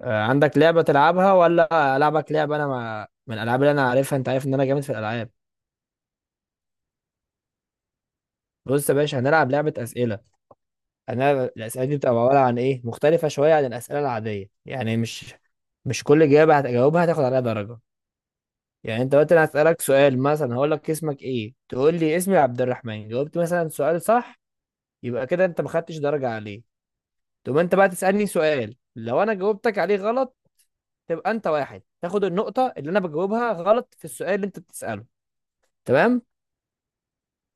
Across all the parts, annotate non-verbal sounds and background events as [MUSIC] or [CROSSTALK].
عندك لعبة تلعبها ولا ألعبك لعبة؟ أنا ما من الألعاب اللي أنا عارفها. أنت عارف إن أنا جامد في الألعاب. بص يا باشا، هنلعب لعبة أسئلة. أنا الأسئلة دي بتبقى عبارة عن إيه، مختلفة شوية عن الأسئلة العادية، يعني مش كل إجابة هتجاوبها هتاخد عليها درجة. يعني أنت دلوقتي أنا هسألك سؤال، مثلا هقول لك اسمك إيه، تقول لي اسمي عبد الرحمن، جاوبت مثلا سؤال صح، يبقى كده أنت ما خدتش درجة عليه. تقوم أنت بقى تسألني سؤال، لو أنا جاوبتك عليه غلط تبقى أنت واحد، تاخد النقطة اللي أنا بجاوبها غلط في السؤال اللي أنت بتسأله. تمام؟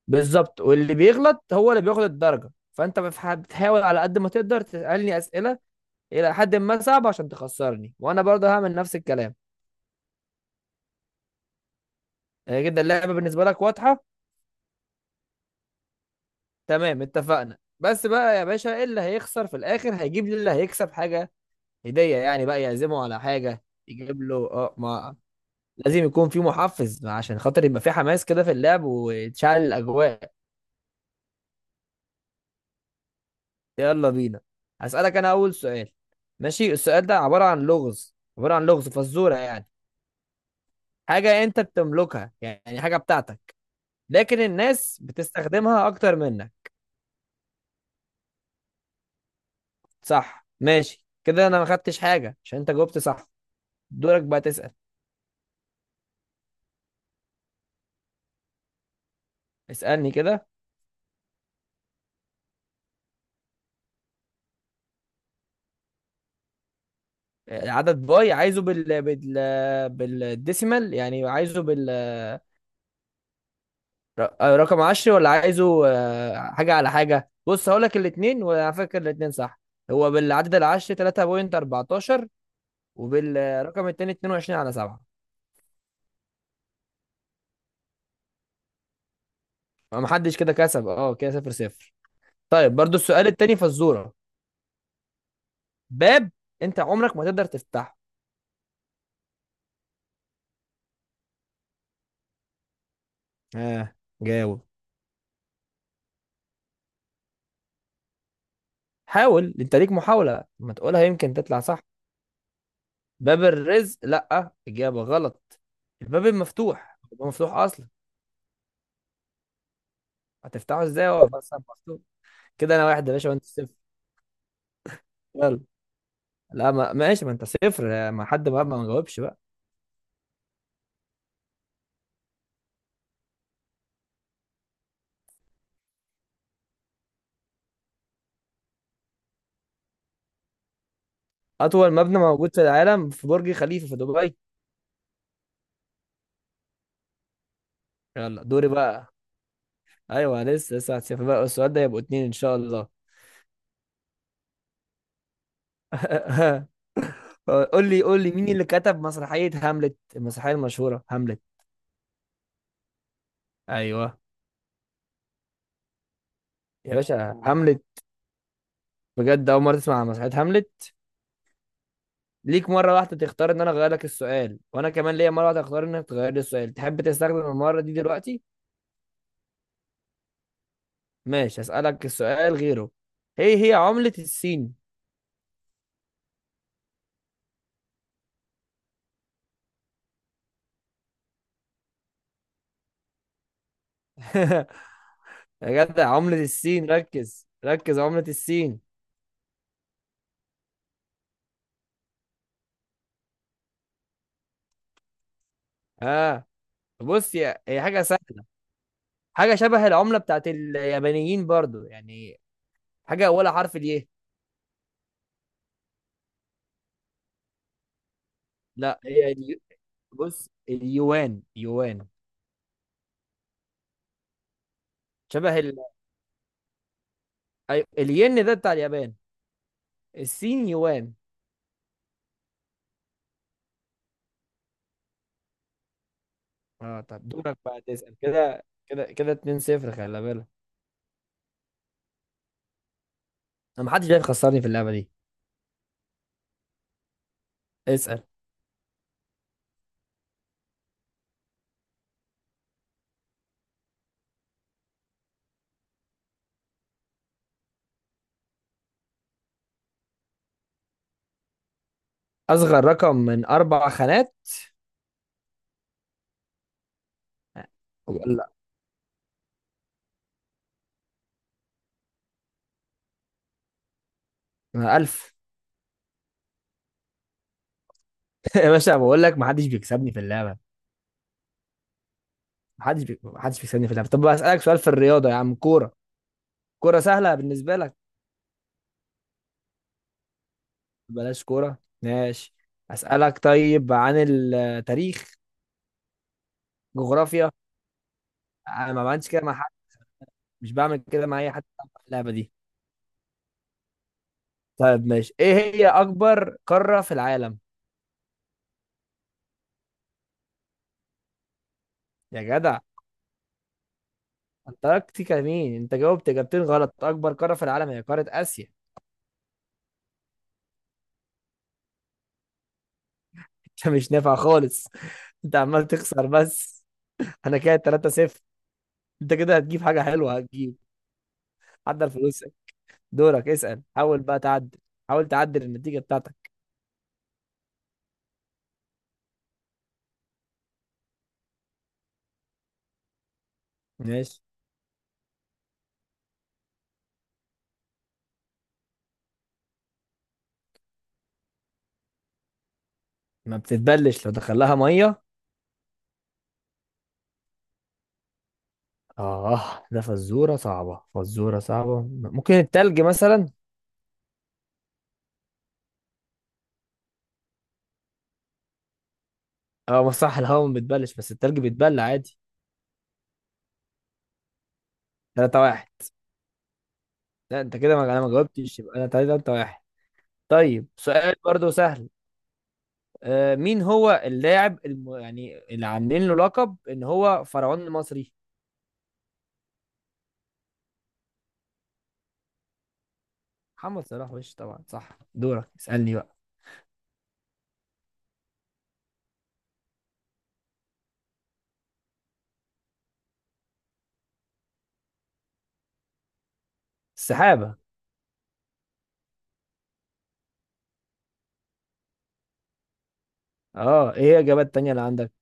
بالظبط. واللي بيغلط هو اللي بياخد الدرجة، فانت بتحاول على قد ما تقدر تسألني أسئلة إلى حد ما صعبة عشان تخسرني، وانا برضه هعمل نفس الكلام. كده اللعبة بالنسبة لك واضحة؟ تمام، اتفقنا. بس بقى يا باشا، إيه اللي هيخسر في الآخر هيجيب لي، اللي هيكسب حاجة، هدية يعني، بقى يعزمه على حاجة، يجيب له. اه ما لازم يكون في محفز عشان خاطر يبقى في حماس كده في اللعب، وتشعل الأجواء. يلا بينا، هسألك انا اول سؤال. ماشي، السؤال ده عبارة عن لغز، فزورة يعني. حاجة انت بتملكها، يعني حاجة بتاعتك، لكن الناس بتستخدمها اكتر منك. صح، ماشي، كده انا ما خدتش حاجة عشان انت جاوبت صح. دورك بقى تسأل. اسألني كده. العدد باي، عايزه بالديسيمال، يعني عايزه بال ر- آه، رقم عشري، ولا عايزه حاجة على حاجة؟ بص هقولك الاتنين، وعلى فكرة الاتنين صح. هو بالعدد العشري 3.14، وبالرقم التاني 22 على 7. محدش كده كسب، كده صفر صفر. طيب، برضو السؤال التاني فزورة. باب انت عمرك ما تقدر تفتحه. اه جاوب. حاول، انت ليك محاولة، ما تقولها يمكن تطلع صح. باب الرزق؟ لا، اجابة غلط. الباب مفتوح اصلا، هتفتحه ازاي هو اصلا مفتوح؟ كده انا واحد يا باشا، وانت صفر. يلا. لا، ما ماشي، ما انت صفر، ما حد بقى ما جاوبش بقى. اطول مبنى موجود في العالم في برج خليفة في دبي. يلا دوري بقى. ايوه، لسه لسه هتشوف بقى السؤال ده، يبقوا اتنين ان شاء الله. [LAUGHS] قول لي مين اللي كتب مسرحية هاملت، المسرحية المشهورة هاملت. ايوه، يا باشا، هاملت. بجد اول مرة تسمع عن مسرحية هاملت؟ ليك مرة واحدة تختار ان انا اغير لك السؤال، وانا كمان ليا مرة واحدة اختار انك تغير لي السؤال. تحب تستخدم المرة دي دلوقتي؟ ماشي، هسألك السؤال غيره. ايه هي عملة الصين؟ [LAUGHS] يا جدع، عملة السين، ركز ركز عملة السين. ها؟ بص يا، هي حاجة سهلة، حاجة شبه العملة بتاعت اليابانيين برضو يعني، حاجة ولا حرف اليه. لا، هي بص، اليوان، يوان. شبه الين ده بتاع اليابان، السين يوان. اه طب دورك بقى تسأل، كده كده كده 2-0، خلي بالك. انا محدش جاي يخسرني في اللعبة دي. اسأل. اصغر رقم من اربع خانات، آه، ولا ألف. [LAUGHS] يا باشا، بقول لك محدش بيكسبني في اللعبة. محدش بيكسبني في اللعبة. طب اسألك سؤال في الرياضة يا عم، كورة. كورة سهلة بالنسبة لك. بلاش كورة، ماشي. اسألك طيب عن التاريخ، جغرافيا. انا ما بعملش كده مع حد، مش بعمل كده مع اي حد في اللعبة دي. طيب ماشي، ايه هي اكبر قارة في العالم؟ يا جدع، انتاركتيكا مين؟ انت جاوبت اجابتين غلط، اكبر قارة في العالم هي قارة اسيا. [LAUGHS] انت مش نافع خالص، انت عمال تخسر بس. انا كده 3-0. انت كده هتجيب حاجة حلوة، هتجيب، عدى الفلوس. دورك اسأل، حاول بقى تعدل، حاول تعدل النتيجة بتاعتك. ماشي. ما بتتبلش لو دخلها مية. اه ده فزورة صعبة، ممكن التلج مثلا. اه ما صح، الهواء ما بتبلش، بس التلج بيتبل عادي. تلاتة واحد. لا انت كده، ما انا ما جاوبتش، يبقى انا تلاتة واحد. طيب سؤال برضو سهل. مين هو اللاعب يعني اللي عاملين له لقب ان هو فرعون المصري. محمد صلاح، وش طبعا صح. دورك اسألني بقى. السحابة. اه ايه هي الاجابات التانية اللي عندك؟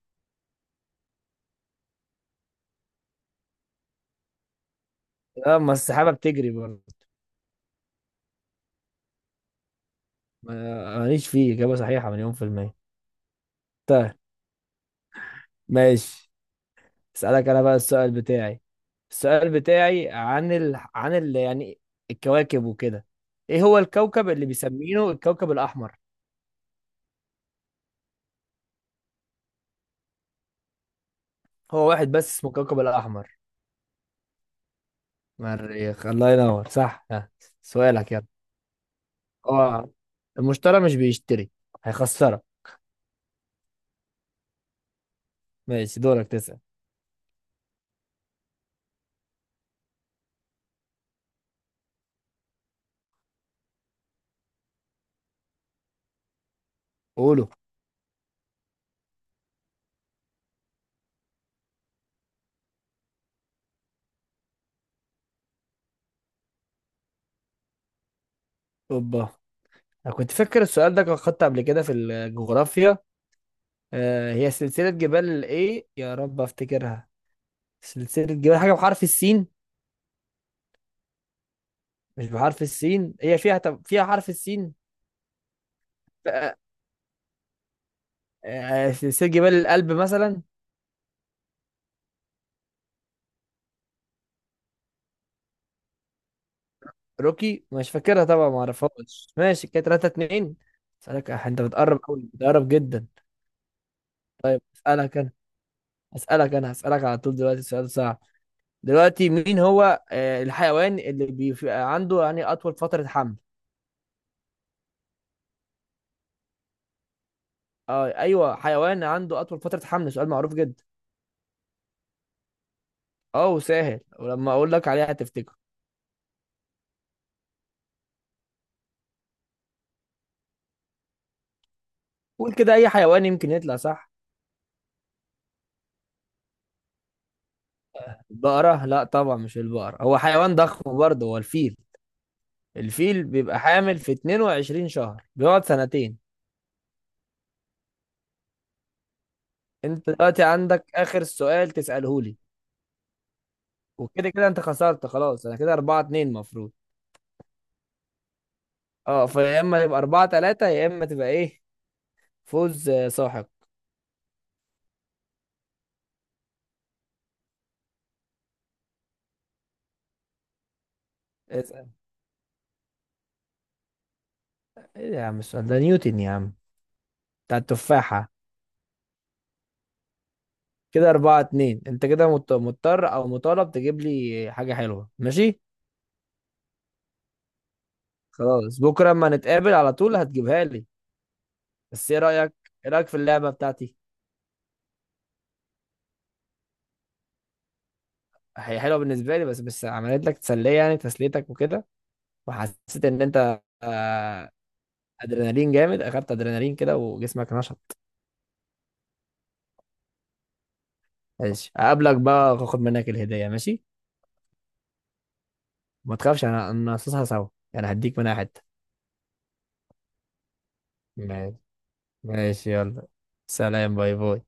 اه ما السحابة بتجري برضه. ماليش فيه إجابة صحيحة مليون في المية. طيب ماشي، اسألك انا بقى السؤال بتاعي. السؤال بتاعي عن يعني الكواكب وكده. ايه هو الكوكب اللي بيسمينه الكوكب الاحمر؟ هو واحد بس اسمه الكوكب الاحمر. مريخ، الله ينور، صح. ها. سؤالك يلا. اه المشتري مش بيشتري، هيخسرك. ماشي، دورك تسأل. قوله. اوبا، انا كنت فاكر السؤال ده كان خدته قبل كده في الجغرافيا. هي سلسلة جبال ايه، يا رب افتكرها. سلسلة جبال حاجة بحرف السين. مش بحرف السين، هي فيها، طب فيها حرف السين. آه سلسلة جبال الألب مثلا. روكي مش فاكرها طبعا، ما اعرفهاش. ماشي كده 3-2. اسألك انت بتقرب قوي، بتقرب جدا. اسألك انا اسألك انا هسألك على طول دلوقتي سؤال صعب. دلوقتي مين هو الحيوان اللي بيبقى عنده يعني اطول فترة حمل؟ اه، ايوه، حيوان عنده اطول فترة حمل، سؤال معروف جدا. اه وسهل، ولما اقول لك عليها هتفتكره. قول كده اي حيوان يمكن يطلع صح. البقرة؟ لا طبعا، مش البقرة، هو حيوان ضخم برضه، هو الفيل. الفيل بيبقى حامل في 22 شهر، بيقعد سنتين. انت دلوقتي عندك اخر سؤال تسأله لي، وكده كده انت خسرت خلاص، انا كده 4-2 المفروض. اه فيا اما يبقى 4-3، يا اما تبقى ايه، فوز ساحق. اسأل. ايه يا عم السؤال ده، نيوتن يا عم، بتاع التفاحة. كده أربعة اتنين، أنت كده مضطر أو مطالب تجيب لي حاجة حلوة، ماشي. خلاص، بكره اما نتقابل على طول هتجيبها لي. بس ايه رايك، ايه رايك في اللعبه بتاعتي؟ هي حلوه بالنسبه لي، بس عملت لك تسليه، يعني تسليتك وكده. وحسيت ان انت ادرينالين جامد، اخدت ادرينالين كده، وجسمك نشط. ماشي هقابلك بقى واخد منك الهديه، ماشي؟ ما تخافش، انا هنقصصها سوا، يعني هديك منها حته. ماشي ماشي، يلا سلام، باي باي.